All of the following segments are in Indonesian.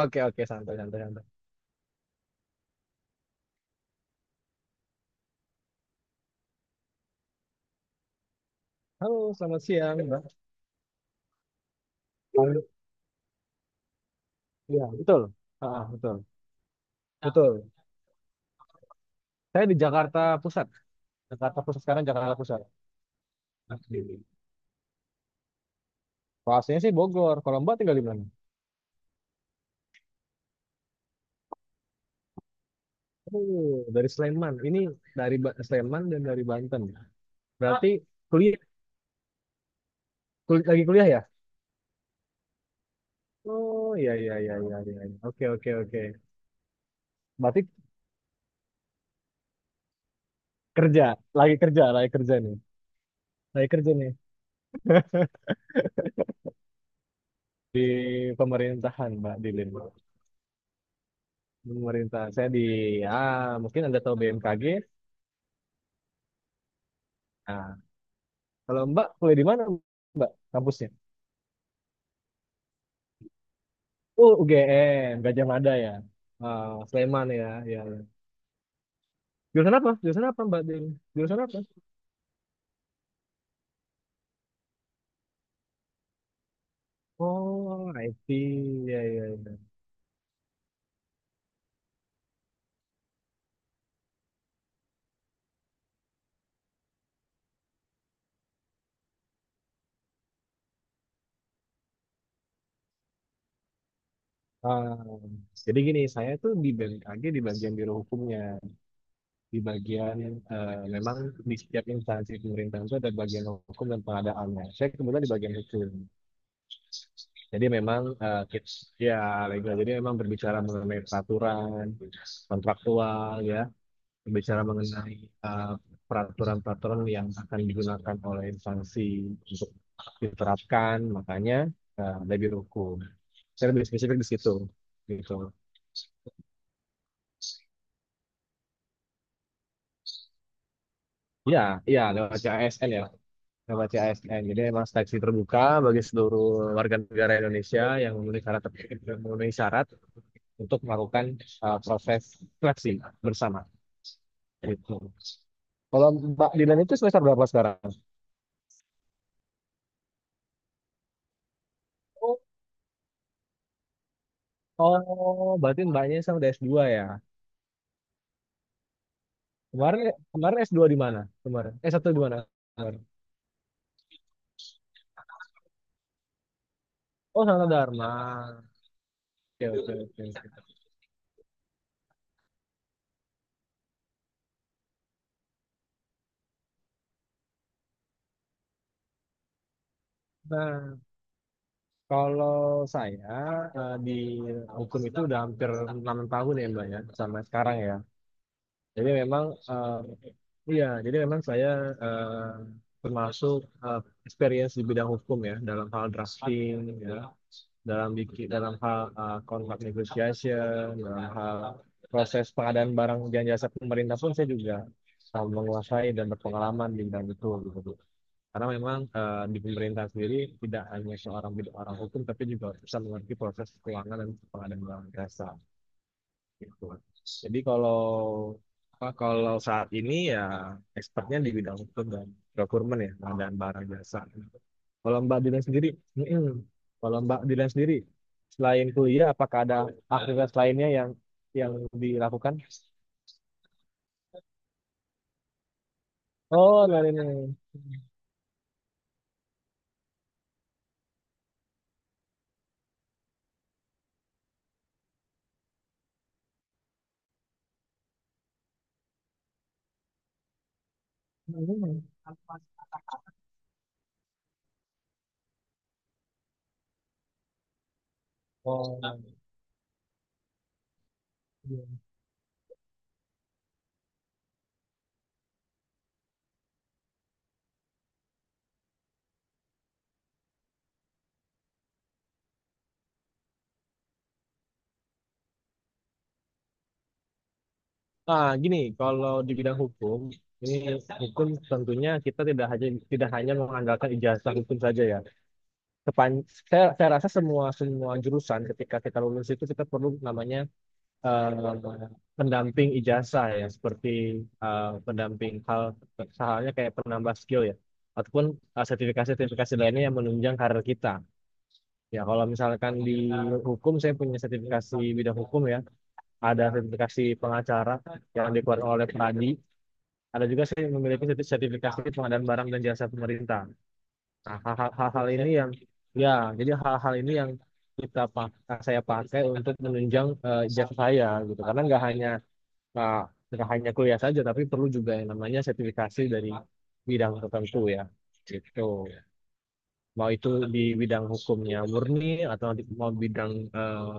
Oke, oke, santai, santai, santai. Halo, selamat siang, Mbak. Halo. Iya, betul. Ah, betul. Betul. Saya di Jakarta Pusat. Jakarta Pusat sekarang Jakarta Pusat. Asli. Kalau aslinya sih Bogor. Kalau Mbak tinggal di mana? Oh, dari Sleman. Ini dari Sleman dan dari Banten. Berarti kuliah, lagi kuliah ya? Oh, iya, iya, iya, iya, iya, iya. Oke, oke, oke. Berarti kerja, lagi kerja, lagi kerja nih. Lagi kerja nih di pemerintahan, Mbak Dilin. Pemerintah saya di mungkin Anda tahu BMKG. Nah, kalau Mbak kuliah di mana Mbak kampusnya? Oh, UGM, Gajah Mada ya. Ah, Sleman, ya, ya, ya. Jurusan apa? Jurusan apa Mbak Din? Jurusan apa? Oh, IT. Ya, ya, ya. Ah, jadi gini, saya tuh di BMKG di bagian biro hukumnya, di bagian memang di setiap instansi pemerintahan itu ada bagian hukum dan pengadaannya. Saya kebetulan di bagian hukum. Jadi memang kids ya legal. Jadi memang berbicara mengenai peraturan, kontraktual ya, berbicara mengenai eh, peraturan-peraturan yang akan digunakan oleh instansi untuk diterapkan, makanya lebih hukum. Saya lebih spesifik di situ, gitu. Ya, ya lewat CASN ya, lewat CASN. Jadi memang seleksi terbuka bagi seluruh warga negara Indonesia yang memenuhi syarat untuk melakukan proses seleksi bersama. Gitu. Kalau Mbak Dilan itu semester berapa sekarang? Oh, berarti mbaknya sama udah s dua ya. Kemarin kemarin s dua di mana? Kemarin. S satu di mana? Kemarin. Oh, Sanata Dharma. Oke, oke, oke. Nah, kalau saya di hukum itu udah hampir 6 tahun ya, Mbak ya, sama sekarang ya. Jadi memang iya, jadi memang saya eh, termasuk eh, experience di bidang hukum ya, dalam hal drafting ya. Dalam hal kontrak negotiation, dalam hal proses pengadaan barang dan jasa pemerintah pun saya juga menguasai dan berpengalaman di bidang itu gitu. Karena memang di pemerintah sendiri tidak hanya seorang bidang orang hukum, tapi juga bisa mengerti proses keuangan dan pengadaan barang jasa gitu. Jadi kalau apa, kalau saat ini ya expertnya di bidang hukum dan procurement ya pengadaan barang jasa. Kalau Mbak Dilan sendiri, mm-mm. Kalau Mbak Dilan sendiri, selain kuliah, apakah ada aktivitas lainnya yang dilakukan? Oh, dari ini. Mm. Oh, iya. Nah, gini, kalau di bidang hukum, ini hukum tentunya kita tidak hanya mengandalkan ijazah hukum saja ya. Sepan, saya rasa semua semua jurusan ketika kita lulus itu kita perlu namanya eh, pendamping ijazah ya seperti pendamping halnya kayak penambah skill ya ataupun sertifikasi-sertifikasi lainnya yang menunjang karir kita. Ya kalau misalkan di hukum saya punya sertifikasi bidang hukum ya, ada sertifikasi pengacara yang dikeluarkan oleh Pradi, ada juga saya memiliki sertifikasi pengadaan barang dan jasa pemerintah. Nah, hal-hal ini yang ya, jadi hal-hal ini yang kita pak saya pakai untuk menunjang ijazah saya gitu karena nggak hanya Nah, nggak hanya kuliah saja, tapi perlu juga yang namanya sertifikasi dari bidang tertentu ya. Gitu. Mau itu di bidang hukumnya murni atau mau eh,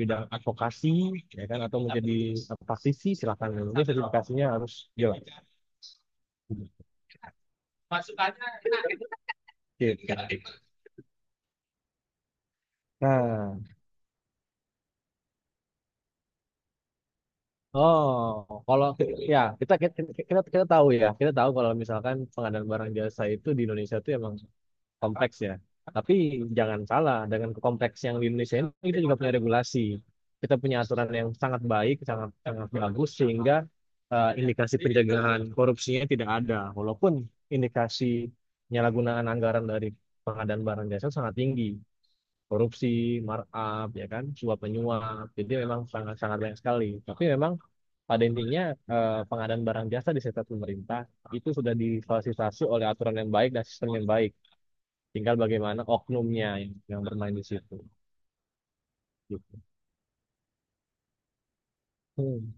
bidang advokasi ya kan atau menjadi praktisi silakan. Yang penting sertifikasinya harus jelas. Gitu. Nah, oh, kalau ya kita kita, kita kita tahu ya, kita tahu kalau misalkan pengadaan barang jasa itu di Indonesia itu emang kompleks ya. Tapi jangan salah, dengan kompleks yang di Indonesia ini kita juga punya regulasi. Kita punya aturan yang sangat baik, sangat sangat bagus sehingga indikasi pencegahan korupsinya tidak ada. Walaupun indikasi penyalahgunaan anggaran dari pengadaan barang jasa sangat tinggi, korupsi, markup, ya kan, suap menyuap. Jadi memang sangat sangat banyak sekali. Tapi memang pada intinya pengadaan barang jasa di sektor pemerintah itu sudah difasilitasi oleh aturan yang baik dan sistem yang baik, tinggal bagaimana oknumnya yang bermain di situ gitu. Hmm.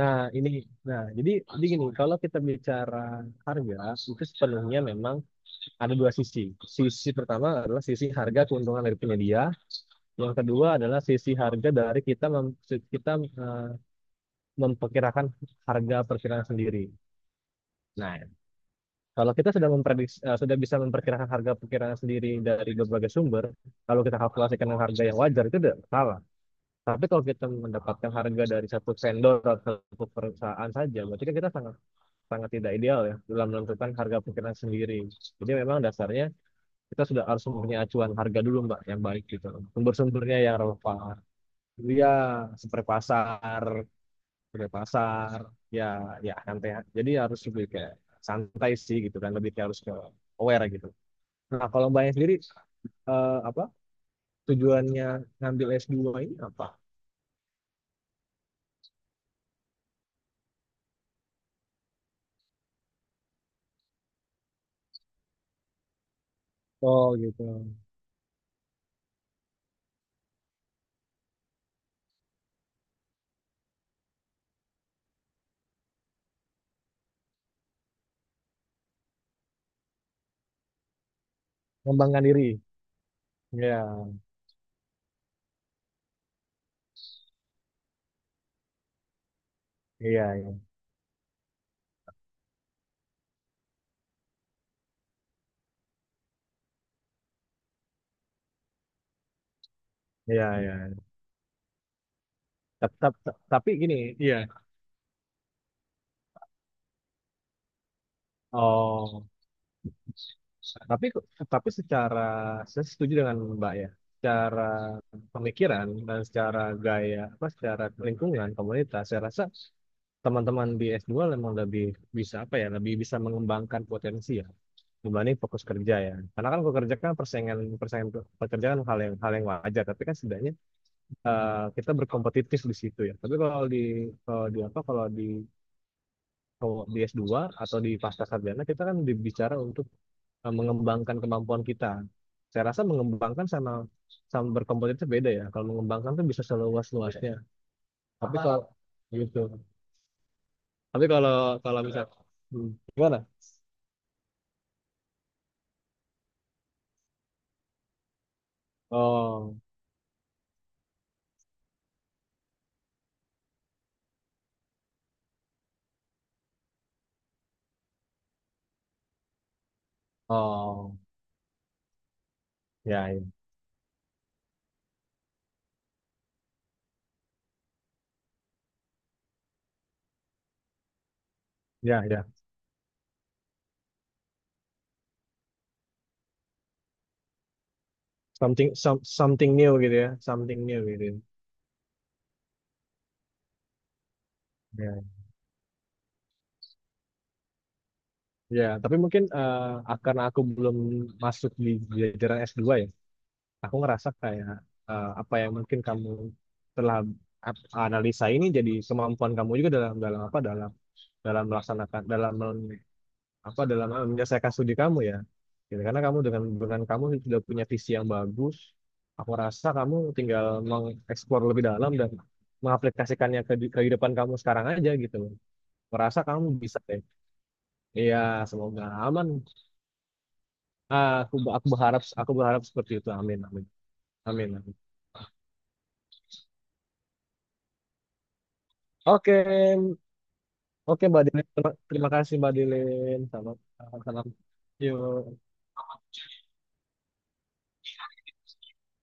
Nah, ini nah, jadi gini, kalau kita bicara harga itu sepenuhnya memang ada dua sisi. Sisi pertama adalah sisi harga keuntungan dari penyedia, yang kedua adalah sisi harga dari kita eh, memperkirakan harga perkiraan sendiri. Nah, kalau kita sudah memprediksi sudah bisa memperkirakan harga perkiraan sendiri dari berbagai sumber, kalau kita kalkulasikan dengan harga yang wajar itu tidak salah. Tapi kalau kita mendapatkan harga dari satu vendor atau satu perusahaan saja, berarti kan kita sangat sangat tidak ideal ya dalam menentukan harga pikiran sendiri. Jadi memang dasarnya kita sudah harus mempunyai acuan harga dulu, Mbak, yang baik gitu. Sumber-sumbernya yang relevan. Iya, seperti pasar, seperti pasar, ya ya santai. Jadi harus lebih kayak santai sih gitu kan, lebih kayak harus ke aware gitu. Nah, kalau Mbaknya sendiri apa tujuannya ngambil S2 ini apa? Oh gitu, mengembangkan diri. Ya, iya, iya, iya. Tapi, tapi gini, iya. Oh, tapi tapi secara saya setuju dengan Mbak ya. Secara pemikiran dan secara gaya apa secara lingkungan komunitas, saya rasa teman-teman di s dua memang lebih bisa apa ya, lebih bisa mengembangkan potensi ya dibanding fokus kerja ya. Karena kan fokus kerja kan persaingan persaingan pekerjaan hal yang wajar, tapi kan setidaknya kita berkompetitif di situ ya. Tapi kalau di apa kalau di S2 atau di pasca sarjana kita kan dibicara untuk mengembangkan kemampuan kita. Saya rasa mengembangkan sama sama berkompetitif beda ya. Kalau mengembangkan tuh bisa seluas-luasnya. Tapi kalau gitu. Tapi kalau kalau misal. Hmm, gimana? Oh, oh, ya, ya, ya, ya. Something something new gitu ya, something new gitu. Ya, ya. Tapi mungkin karena aku belum masuk di jajaran S2 ya. Aku ngerasa kayak apa yang mungkin kamu telah analisa ini jadi kemampuan kamu juga dalam dalam apa dalam dalam melaksanakan dalam apa dalam menyelesaikan studi kamu ya gitu. Karena kamu dengan kamu sudah punya visi yang bagus, aku rasa kamu tinggal mengeksplor lebih dalam dan mengaplikasikannya ke kehidupan kamu sekarang aja gitu loh. Merasa kamu bisa deh. Iya, semoga aman. Ah, aku berharap seperti itu, amin, amin, amin, amin. Oke, oke, Mbak Dilin. Terima terima kasih, Mbak Dilin. Salam. Salam. Yuk.